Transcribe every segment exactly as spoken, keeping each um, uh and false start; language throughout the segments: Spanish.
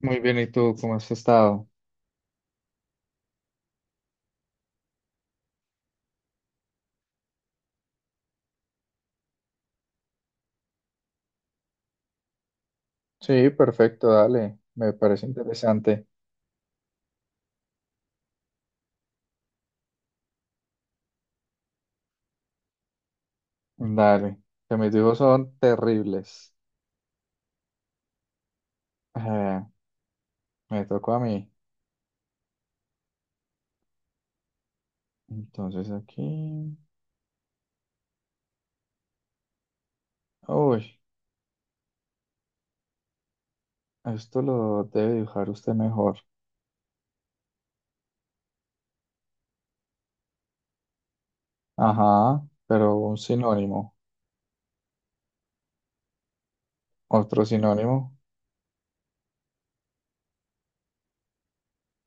Muy bien, ¿y tú cómo has estado? Sí, perfecto, dale. Me parece interesante. Dale. Que mis dibujos son terribles. Eh, Me tocó a mí. Entonces aquí. Uy, esto lo debe dibujar usted mejor. Ajá, pero un sinónimo. Otro sinónimo.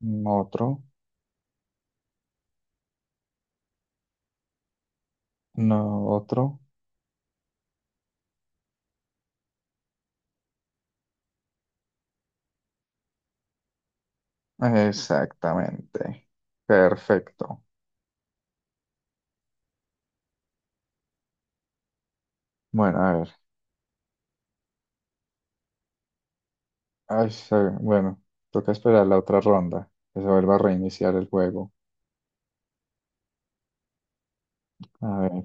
Mm, otro. No, otro. Exactamente. Perfecto. Bueno, a ver. Ay, sí, bueno, toca esperar la otra ronda. Que se vuelva a reiniciar el juego. A ver.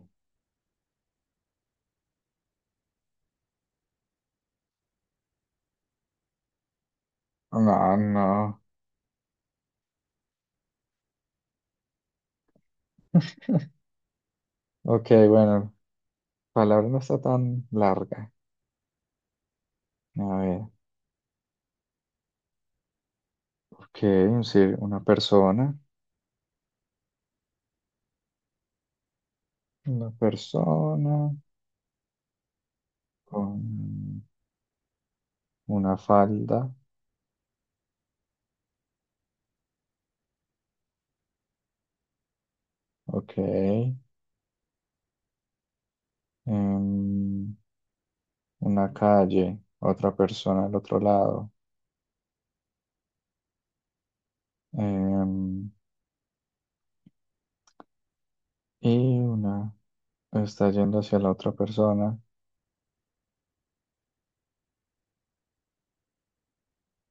No, no. Ok, bueno. Palabra no está tan larga. A ver. Ok, sí, una persona. Una persona con una falda. Ok. Em, una calle. Otra persona al otro lado. Em, y una está yendo hacia la otra persona.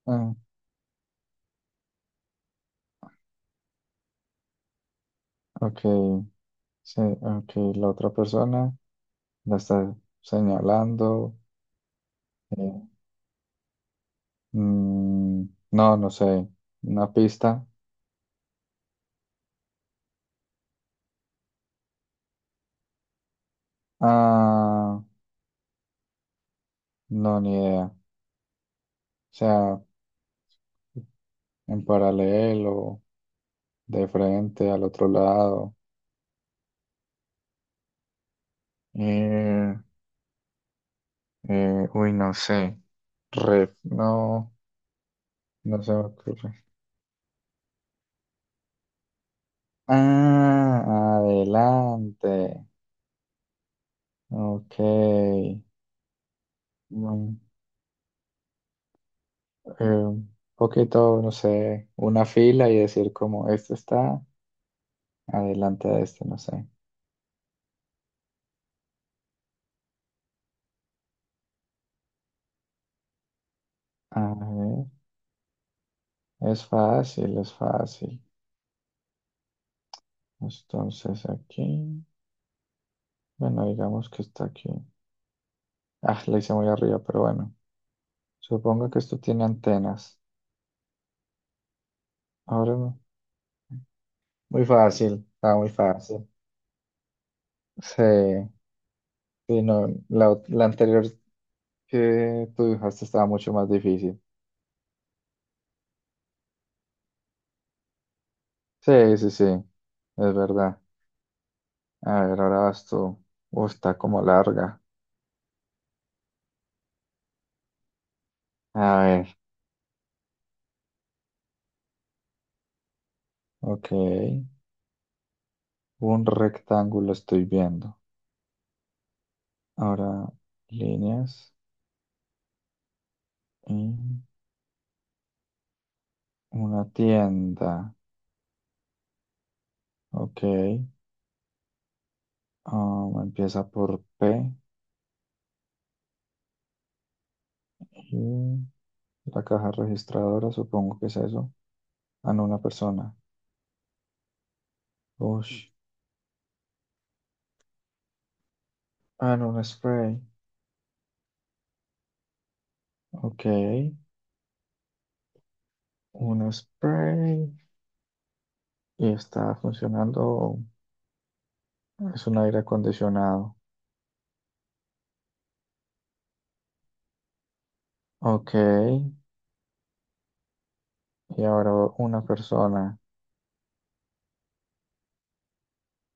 Ah, ok. Sí, ok. La otra persona la está señalando. eh, Mm, no, no sé. Una pista. Ah, no, ni idea. O sea, en paralelo, de frente, al otro lado. Eh, eh, Uy, no sé. Ref, no, no se me ocurre. Ah, adelante. Ok. Mm, eh, un poquito, no sé, una fila y decir como este está adelante de este, no sé. Es fácil, es fácil. Entonces aquí, bueno, digamos que está aquí. Ah, la hice muy arriba, pero bueno. Supongo que esto tiene antenas. Ahora no. Muy fácil, está muy fácil. Sí, sí, no, la, ot- la anterior que tú dibujaste estaba mucho más difícil. Sí, sí, sí, es verdad. A ver, ahora vas tú. Uh, está como larga. A ver, ok. Un rectángulo estoy viendo. Ahora líneas. Una tienda. Ok. Um, empieza por P. Y la caja registradora, supongo que es eso. Ah, no, una persona. Ush. Ah, no, un spray. Ok. Un spray. Y está funcionando. Es un aire acondicionado. Ok. Y ahora una persona.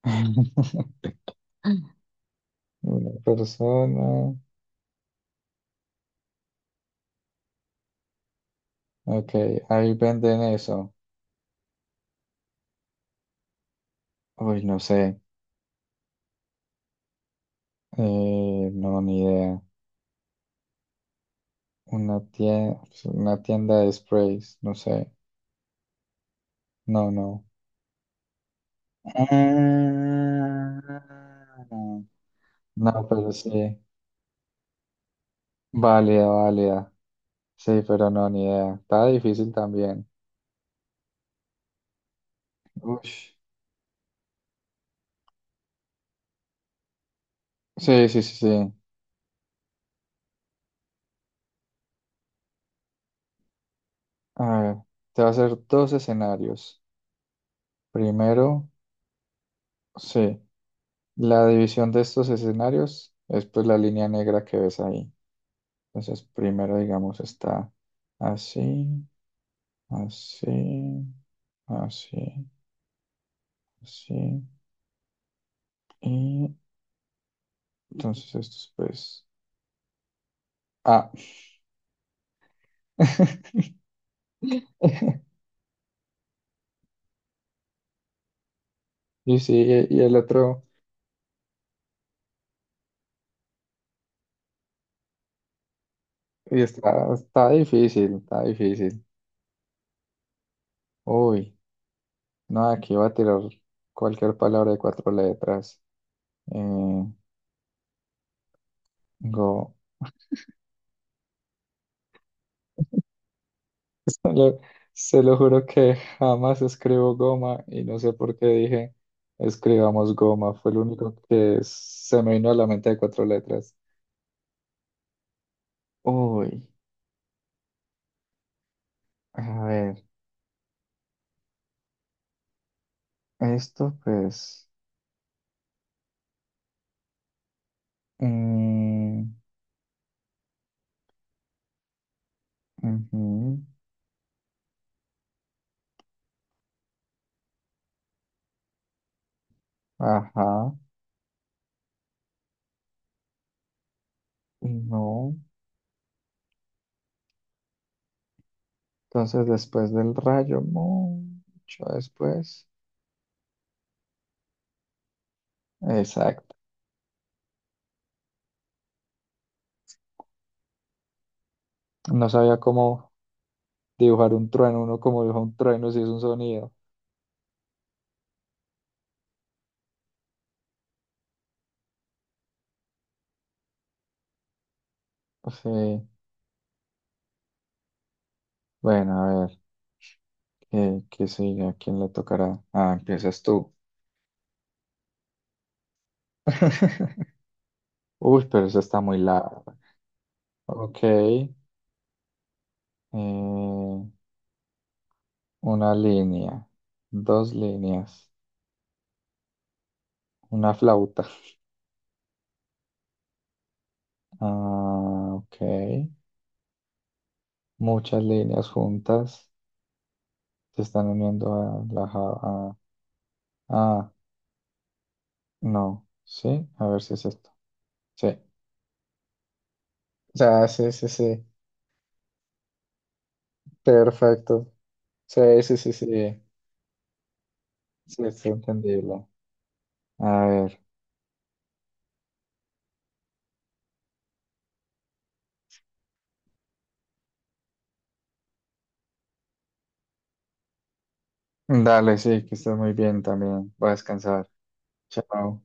Una persona. Ok. Ahí venden eso. Uy, no sé. Eh, no, ni idea. Una tienda, una tienda de sprays, no sé. No, no. Ah. No, pero sí. Válida, válida. Sí, pero no, ni idea. Está difícil también. Ush. Sí, sí, sí, sí. A ver, te va a hacer dos escenarios. Primero, sí, la división de estos escenarios es pues la línea negra que ves ahí. Entonces, primero, digamos, está así, así, así. Sí. Y entonces estos, pues. Ah. Y sí, y el otro. Y está, está difícil, está difícil. Uy, no, aquí va a tirar cualquier palabra de cuatro letras. Eh, Go. Se lo juro que jamás escribo goma y no sé por qué dije escribamos goma. Fue lo único que se me vino a la mente de cuatro letras. Uy, a ver, esto pues... Mm, ujú, ajá, y no. Entonces, después del rayo, mucho después. Exacto. No sabía cómo dibujar un trueno, uno como dibuja un trueno si es un sonido. Sí. Bueno, a ver, ¿qué, qué sigue? ¿A quién le tocará? Ah, empiezas tú. Uy, pero eso está muy largo. Ok. Eh, una línea, dos líneas, una flauta. Ah, ok. Muchas líneas juntas se están uniendo a la Java. Ah, no. Sí, a ver si es esto. Sí. Ya, sí, sí, sí. Perfecto. Sí, sí, sí, sí. Sí, está entendible. A ver. Dale, sí, que estés muy bien también. Voy a descansar. Chao.